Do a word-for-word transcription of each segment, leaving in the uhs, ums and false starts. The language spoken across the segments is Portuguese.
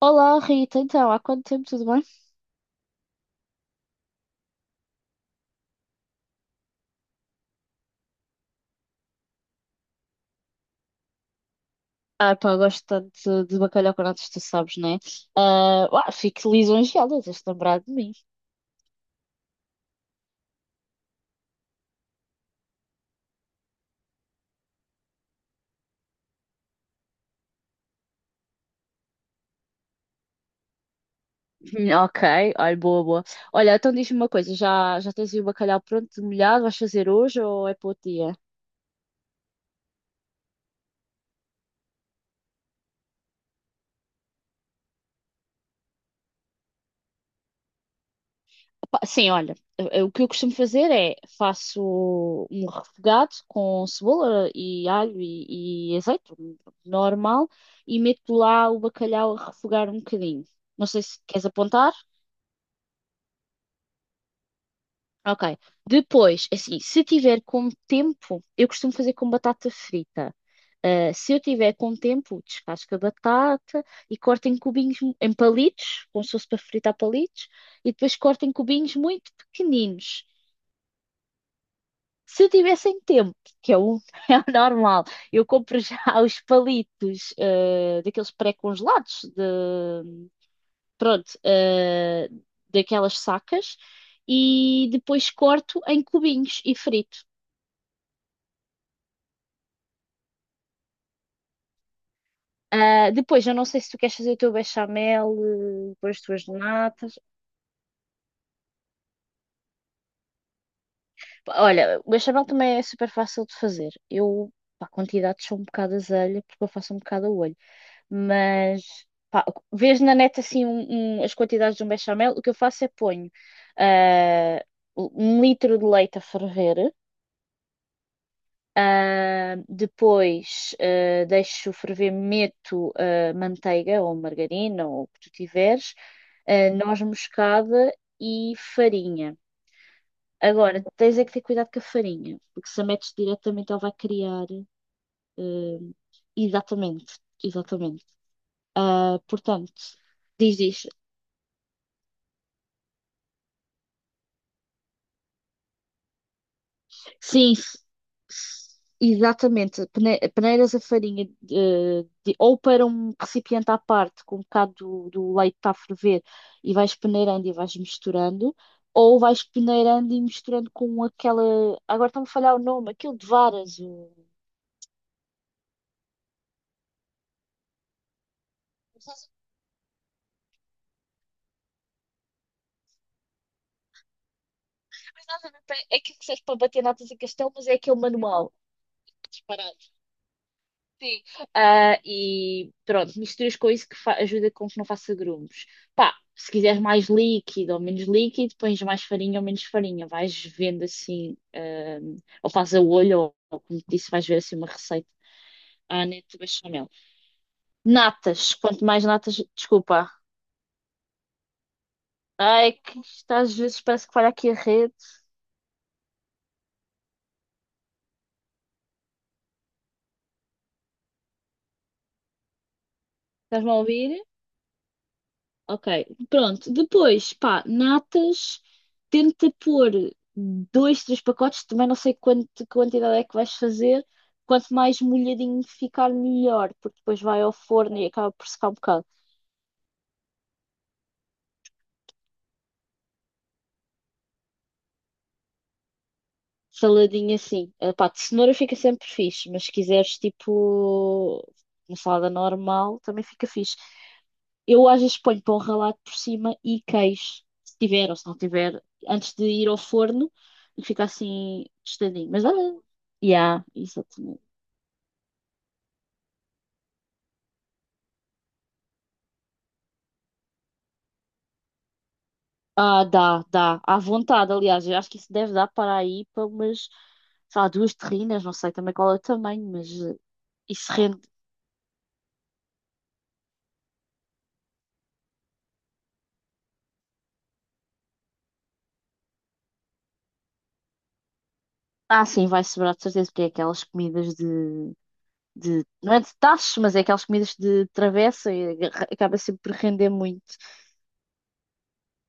Olá Rita, então há quanto tempo, tudo bem? Ah, pá, gosto tanto de bacalhau com natas, tu sabes, né? Ah, uá, fico lisonjeada, tens de lembrar de mim. Hum, Ok, olha, boa, boa. Olha, então diz-me uma coisa, já, já tens aí o bacalhau pronto, molhado, vais fazer hoje ou é para outro dia? Pá, sim, olha, eu- eu- o que eu costumo fazer é faço um refogado com cebola e alho e, e azeite, um normal, e meto lá o bacalhau a refogar um bocadinho. Não sei se queres apontar. Ok. Depois, assim, se tiver com tempo, eu costumo fazer com batata frita. Ah, se eu tiver com tempo, descasco a batata e corto em cubinhos, mu- em palitos, como se fosse para fritar palitos, e depois corto em cubinhos muito pequeninos. Se tivessem tempo, que é o, é o normal, eu compro já os palitos, ah, daqueles pré-congelados, de, pronto, ah, daquelas sacas, e depois corto em cubinhos e frito. Ah, depois, eu não sei se tu queres fazer o teu bechamel eh, com as tuas natas. Pá, olha, o bechamel também é super fácil de fazer. Eu, pá, quantidades são um bocado azelha, porque eu faço um bocado a olho. Mas, pá, vês na net assim um- um- as quantidades de um bechamel. O que eu faço é ponho ah, um litro de leite a ferver. Ah, depois ah, deixo ferver, meto ah, manteiga ou margarina ou o que tu tiveres, ah, noz moscada e farinha. Agora, tens é que ter cuidado com a farinha, porque se a metes diretamente ela vai criar. ah, Exatamente, exatamente. Ah, portanto, diz, diz. Sim, exatamente, pane- peneiras a farinha eh, de- ou para um recipiente à parte com um bocado do, do leite que está a ferver e vais peneirando e vais misturando, ou vais peneirando e misturando com aquela. Agora está-me a falhar o nome, aquilo de varas. O... Mas nada a ver, é aquilo que serve para bater natas e castelo, mas é aquele manual. Sim. Ah, e pronto, misturas com isso que fa- ajuda com que não faça grumos. Pá, se quiseres mais líquido ou menos líquido, pões mais farinha ou menos farinha. Vais vendo assim, ah, ou faz a olho, ou, ou como te disse, vais ver assim uma receita. Ah, neto bechamel. Natas, quanto mais natas, desculpa. Ai, que isto às vezes parece que falha aqui a rede. Estás-me a ouvir? Ok, pronto. Depois, pá, natas, tenta pôr dois, três pacotes, também não sei quanto, quantidade é que vais fazer. Quanto mais molhadinho ficar, melhor, porque depois vai ao forno e acaba por secar um bocado. Saladinha assim. Ah, pá, de cenoura fica sempre fixe, mas se quiseres tipo uma salada normal, também fica fixe. Eu às vezes ponho pão ralado por cima e queijo, se tiver ou se não tiver, antes de ir ao forno e fica assim tostadinho. Mas olha, yeah, exatamente. Ah, dá, dá, à vontade, aliás, eu acho que isso deve dar para aí para umas, sei lá, duas terrinas, não sei também qual é o tamanho, mas eh, isso rende. Ah, sim, vai sobrar de certeza, porque é aquelas comidas de de- não é de tachos, mas é aquelas comidas de travessa e agarra- acaba sempre por render muito.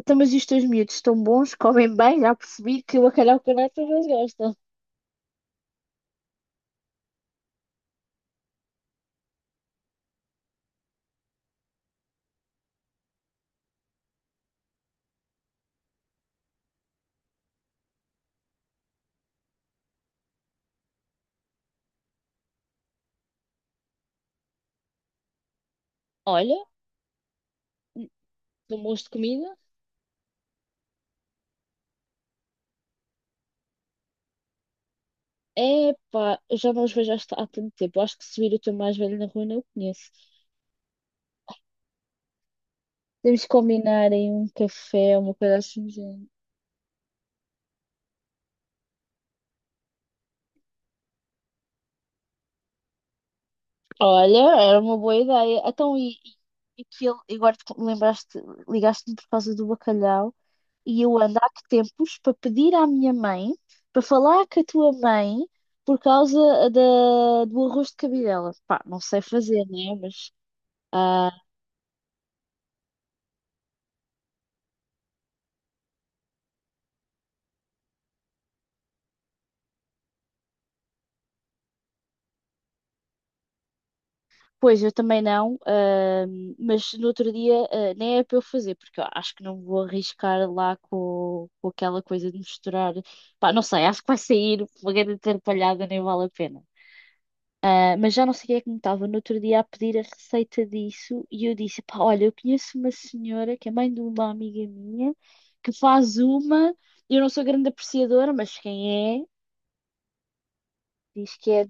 Então, mas e os teus miúdos estão bons, comem bem, já percebi que o bacalhau com nata eles gostam. Olha, estão bons de comida. É pá, eu já não os vejo há, há tanto tempo. Eu acho que se vir o teu mais velho na rua não o conheço. Temos que combinar em um café, uma coisa assim do género. Olha, era uma boa ideia. Então, e, e, e que ele, agora te lembraste, ligaste-me por causa do bacalhau. E eu ando há que tempos para pedir à minha mãe para falar com a tua mãe por causa eh, da, do arroz de cabidela. Pá, não sei fazer, né? Mas. ah, Pois, eu também não, ah, mas no outro dia, ah, nem é para eu fazer, porque eu acho que não vou arriscar lá com, com aquela coisa de misturar. Pá, não sei, acho que vai sair uma grande atrapalhada, nem vale a pena. Ah, Mas já não sei quem é que me estava no outro dia a pedir a receita disso e eu disse, pá, olha, eu conheço uma senhora que é mãe de uma amiga minha que faz uma, eu não sou grande apreciadora, mas quem é, diz que é.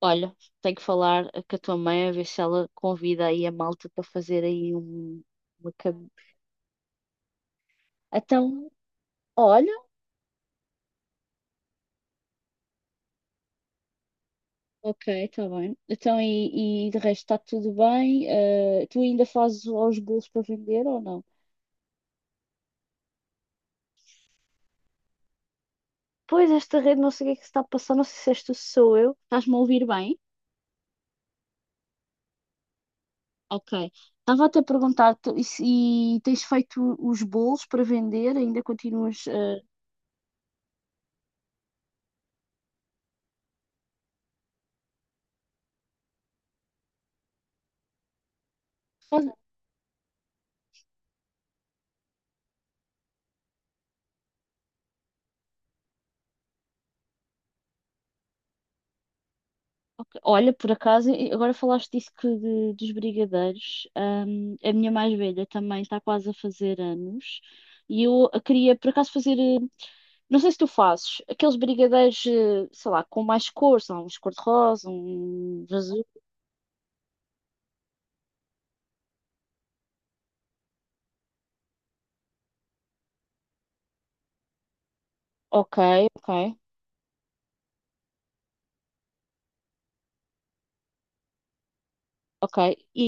Olha, tenho que falar com a tua mãe a ver se ela convida aí a malta para fazer aí um, uma... cam- Então, olha, ok, está bem. Então, e, e de resto está tudo bem? Ah, tu ainda fazes os bolos para vender ou não? Pois, esta rede não sei o que é que se está a passar, não sei se este sou eu. Estás-me a ouvir bem? Ok. Estava até a perguntar tu- e, se- e tens feito os bolos para vender? Ainda continuas. eh, faz- ok. Olha, por acaso, e agora falaste disso que de- dos brigadeiros. Hum, a minha mais velha também está quase a fazer anos e eu a queria, por acaso, fazer. eh, Não sei se tu fazes aqueles brigadeiros, eh, sei lá, com mais cores, sei lá, uns cor-de-rosa, um azul. Ok, ok. Ok, e,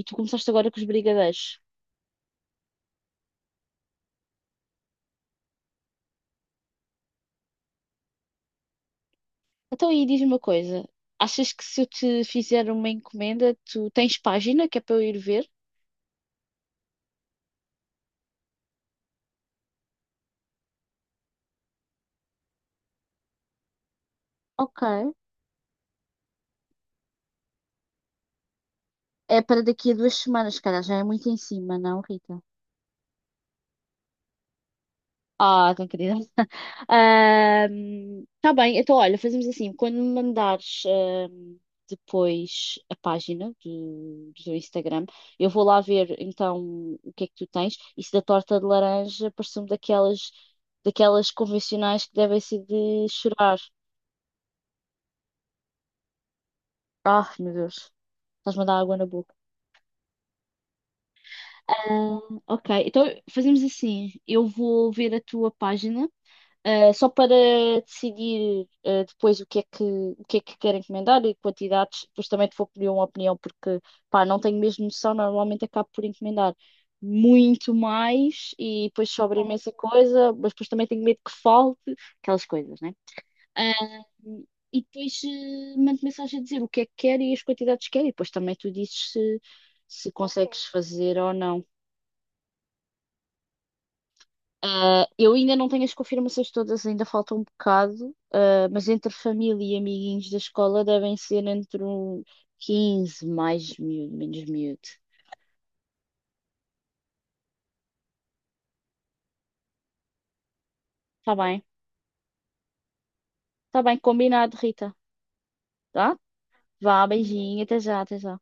e tu começaste agora com os brigadeiros. Então aí diz-me uma coisa: achas que se eu te fizer uma encomenda, tu tens página que é para eu ir ver? Ok. É para daqui a duas semanas, cara, já é muito em cima, não, Rita? Ah, tão querida. Está bem, então olha, fazemos assim, quando me mandares ahm, depois a página do, do teu Instagram, eu vou lá ver então o que é que tu tens. Isso da torta de laranja parece-me daquelas, daquelas convencionais que devem ser de chorar. Ah, meu Deus, estás-me a dar água na boca. Ah, ok, então fazemos assim, eu vou ver a tua página. Uh, só para decidir uh, depois o que é que, o que é que quero encomendar e quantidades, depois também te vou pedir uma opinião, porque pá, não tenho mesmo noção, normalmente acabo por encomendar muito mais e depois sobra imensa coisa, mas depois também tenho medo que falte, aquelas coisas, né? Uh, e depois uh, mando mensagem a dizer o que é que quero e as quantidades que quero, e depois também tu dizes se, se consegues fazer ou não. Ah, eu ainda não tenho as confirmações todas, ainda falta um bocado, ah, mas entre família e amiguinhos da escola devem ser entre um quinze, mais miúdo, menos miúdo. Tá bem, tá bem, combinado, Rita. Tá? Vá, beijinho, até já, até já.